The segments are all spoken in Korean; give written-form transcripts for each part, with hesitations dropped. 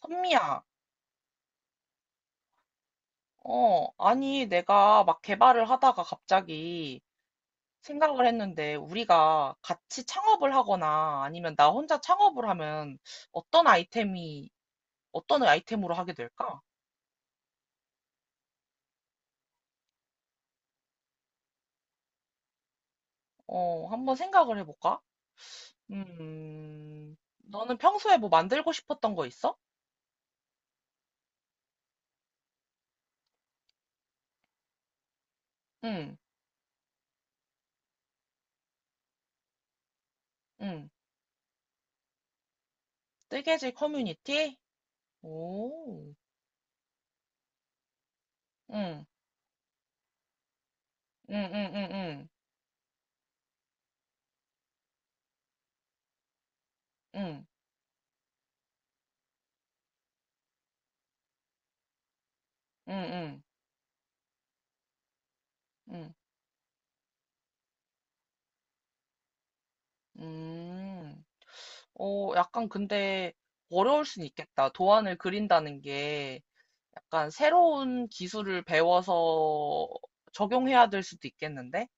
선미야, 어, 아니, 내가 막 개발을 하다가 갑자기 생각을 했는데, 우리가 같이 창업을 하거나 아니면 나 혼자 창업을 하면 어떤 아이템이, 어떤 아이템으로 하게 될까? 어, 한번 생각을 해볼까? 너는 평소에 뭐 만들고 싶었던 거 있어? 응, 응. 뜨개질 커뮤니티? 오, 응, 응, 응, 응, 응, 응, 응, 응, 응, 응. 음. 어, 약간 근데 어려울 순 있겠다. 도안을 그린다는 게 약간 새로운 기술을 배워서 적용해야 될 수도 있겠는데?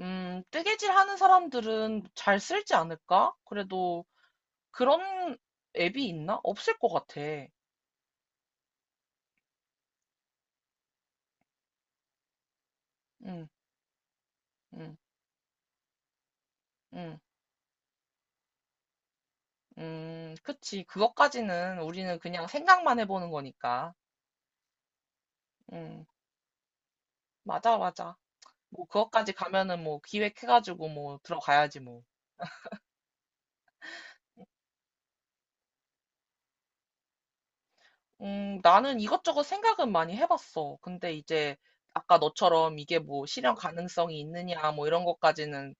뜨개질 하는 사람들은 잘 쓸지 않을까? 그래도 그런 앱이 있나? 없을 것 같아. 음, 음, 음, 그치. 그것까지는 우리는 그냥 생각만 해보는 거니까. 음, 맞아, 맞아. 뭐, 그것까지 가면은 뭐 기획해가지고 뭐 들어가야지 뭐. 나는 이것저것 생각은 많이 해봤어. 근데 이제 아까 너처럼 이게 뭐 실현 가능성이 있느냐 뭐 이런 것까지는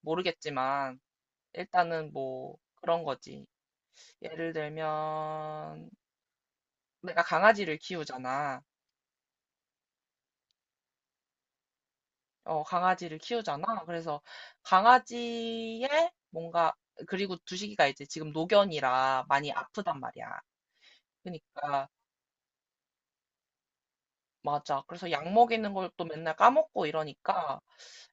모르겠지만 일단은 뭐 그런 거지. 예를 들면 내가 강아지를 키우잖아. 어, 강아지를 키우잖아. 그래서 강아지의 뭔가 그리고 두식이가 이제 지금 노견이라 많이 아프단 말이야. 그러니까 맞아. 그래서 약 먹이는 걸 또 맨날 까먹고 이러니까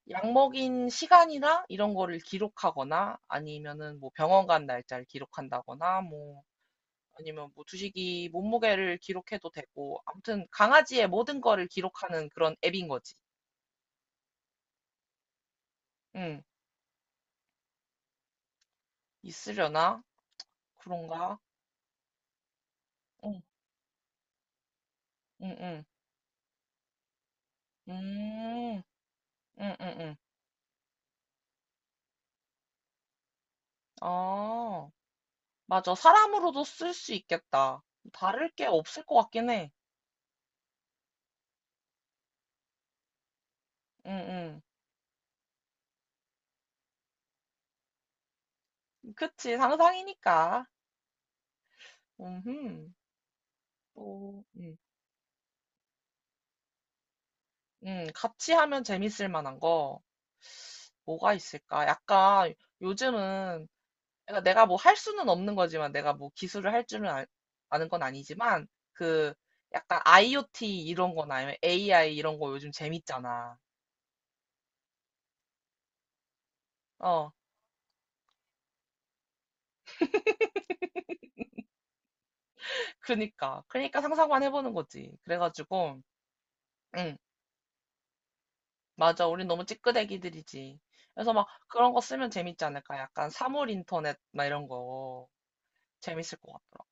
약 먹인 시간이나 이런 거를 기록하거나 아니면은 뭐 병원 간 날짜를 기록한다거나 뭐 아니면 뭐 주식이 몸무게를 기록해도 되고 아무튼 강아지의 모든 거를 기록하는 그런 앱인 거지. 응. 있으려나? 그런가? 응, 응, 응. 음, 응, 응, 응. 아, 맞아. 사람으로도 쓸 수 있겠다. 다를 게 없을 것 같긴 해. 응, 응. 그치. 상상이니까. 음, 또, 같이 하면 재밌을 만한 거 뭐가 있을까? 약간 요즘은 그러니까 내가 뭐 할 수는 없는 거지만 내가 뭐 기술을 할 줄은 아는 건 아니지만 그 약간 IoT 이런 거나 아니면 AI 이런 거 요즘 재밌잖아. 어, 그러니까 상상만 해보는 거지. 그래가지고 응, 맞아. 우린 너무 찌끄대기들이지. 그래서 막 그런 거 쓰면 재밌지 않을까? 약간 사물 인터넷 막 이런 거 재밌을 것 같아.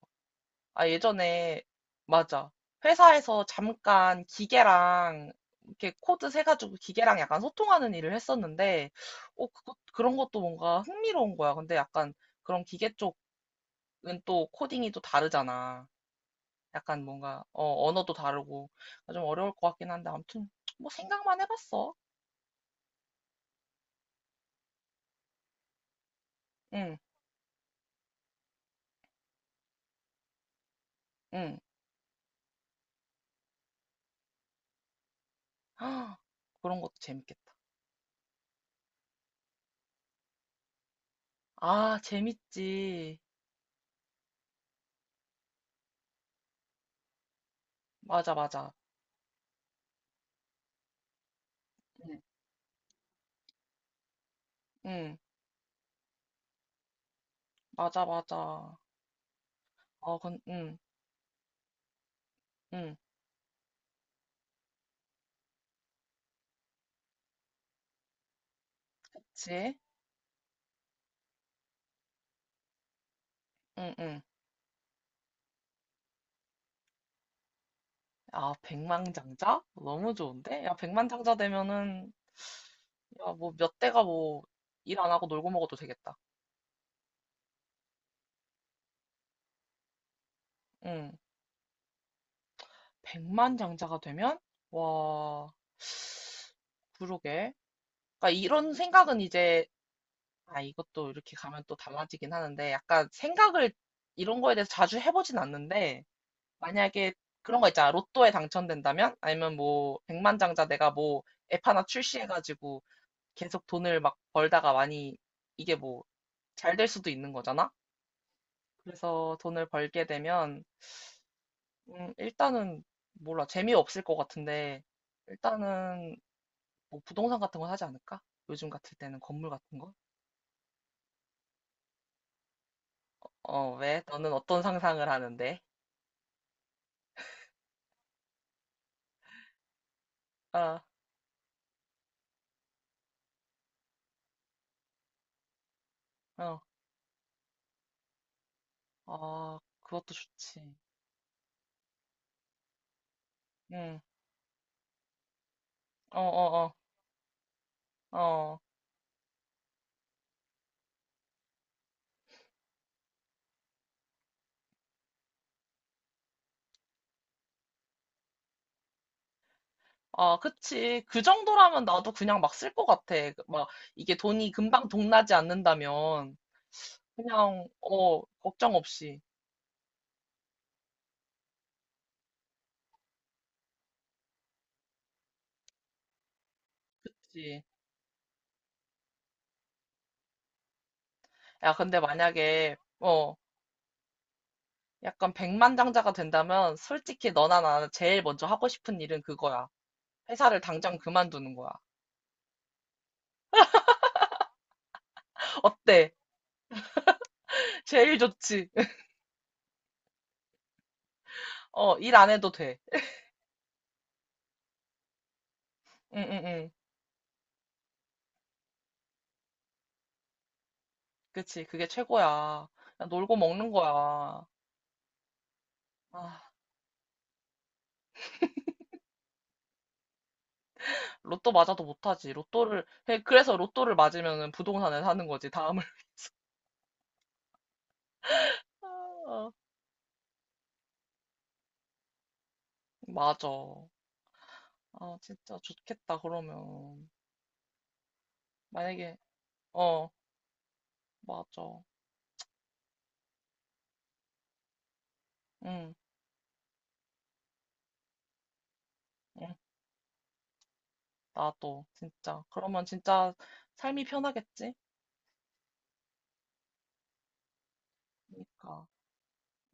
아, 예전에, 맞아. 회사에서 잠깐 기계랑, 이렇게 코드 세가지고 기계랑 약간 소통하는 일을 했었는데, 어, 그런 것도 뭔가 흥미로운 거야. 근데 약간 그런 기계 쪽은 또 코딩이 또 다르잖아. 약간 뭔가, 어, 언어도 다르고. 그러니까 좀 어려울 것 같긴 한데, 아무튼, 뭐 생각만 해봤어. 응, 응. 아, 그런 것도 재밌겠다. 아, 재밌지. 맞아, 맞아. 응, 응. 맞아, 맞아. 어, 근, 응, 응. 그치? 응응. 아, 백만장자? 너무 좋은데? 야, 백만장자 되면은, 야, 뭐 몇 대가 뭐 일 안 하고 놀고 먹어도 되겠다. 응. 백만장자가 되면, 와, 그러게. 그러니까 이런 생각은 이제, 아, 이것도 이렇게 가면 또 달라지긴 하는데, 약간 생각을 이런 거에 대해서 자주 해보진 않는데, 만약에 그런 거 있잖아. 로또에 당첨된다면? 아니면 뭐, 백만장자 내가 뭐, 앱 하나 출시해가지고, 계속 돈을 막 벌다가 많이 이게 뭐 잘 될 수도 있는 거잖아? 그래서 돈을 벌게 되면 일단은 몰라 재미없을 것 같은데 일단은 뭐 부동산 같은 거 사지 않을까? 요즘 같을 때는 건물 같은 거? 어, 왜? 너는 어떤 상상을 하는데? 아, 어, 아, 그것도 좋지. 응, 어, 어, 어, 어. 아, 그치. 그 정도라면 나도 그냥 막 쓸 것 같아. 그, 막 이게 돈이 금방 동나지 않는다면. 그냥, 어, 걱정 없이. 그치. 야, 근데 만약에, 어, 약간 백만장자가 된다면, 솔직히 너나 나나 제일 먼저 하고 싶은 일은 그거야. 회사를 당장 그만두는 거야. 어때? 제일 좋지. 어, 일 안 해도 돼. 응, 응, 응. 그치. 그게 최고야. 그냥 놀고 먹는 거야. 아, 로또 맞아도 못하지. 로또를, 그래서 로또를 맞으면 부동산을 사는 거지, 다음을. 아, 맞아. 아, 진짜 좋겠다, 그러면. 만약에, 어, 맞아. 응, 응, 나도, 진짜. 그러면 진짜 삶이 편하겠지? 그러니까.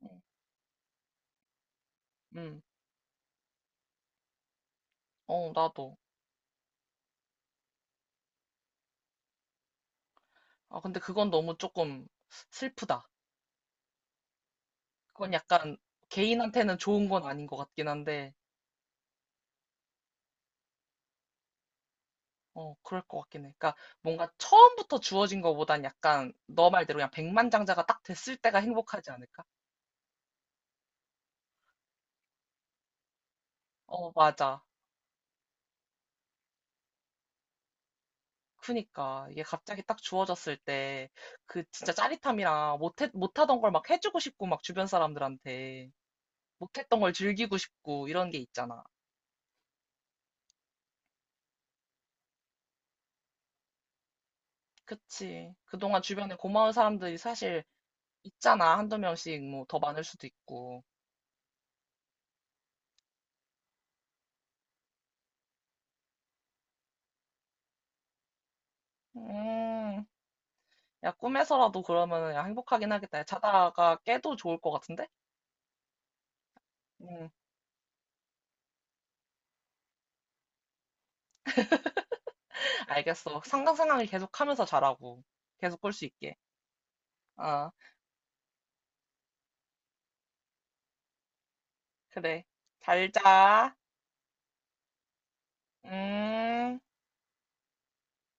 응, 응, 어, 나도. 아, 근데 그건 너무 조금 슬프다. 그건 약간 개인한테는 좋은 건 아닌 것 같긴 한데, 어, 그럴 것 같긴 해. 그러니까 뭔가 처음부터 주어진 것보단 약간 너 말대로 그냥 백만장자가 딱 됐을 때가 행복하지 않을까? 어, 맞아. 그니까 이게 갑자기 딱 주어졌을 때 그 진짜 짜릿함이랑 못하던 걸 막 해주고 싶고 막 주변 사람들한테 못했던 걸 즐기고 싶고 이런 게 있잖아. 그치. 그동안 주변에 고마운 사람들이 사실 있잖아. 한두 명씩 뭐 더 많을 수도 있고. 음, 야, 꿈에서라도 그러면 야, 행복하긴 하겠다. 야, 자다가 깨도 좋을 것 같은데? 음, 알겠어. 상상 상황을 계속 하면서 자라고. 계속 꿀 수 있게. 어, 그래. 잘 자. 음.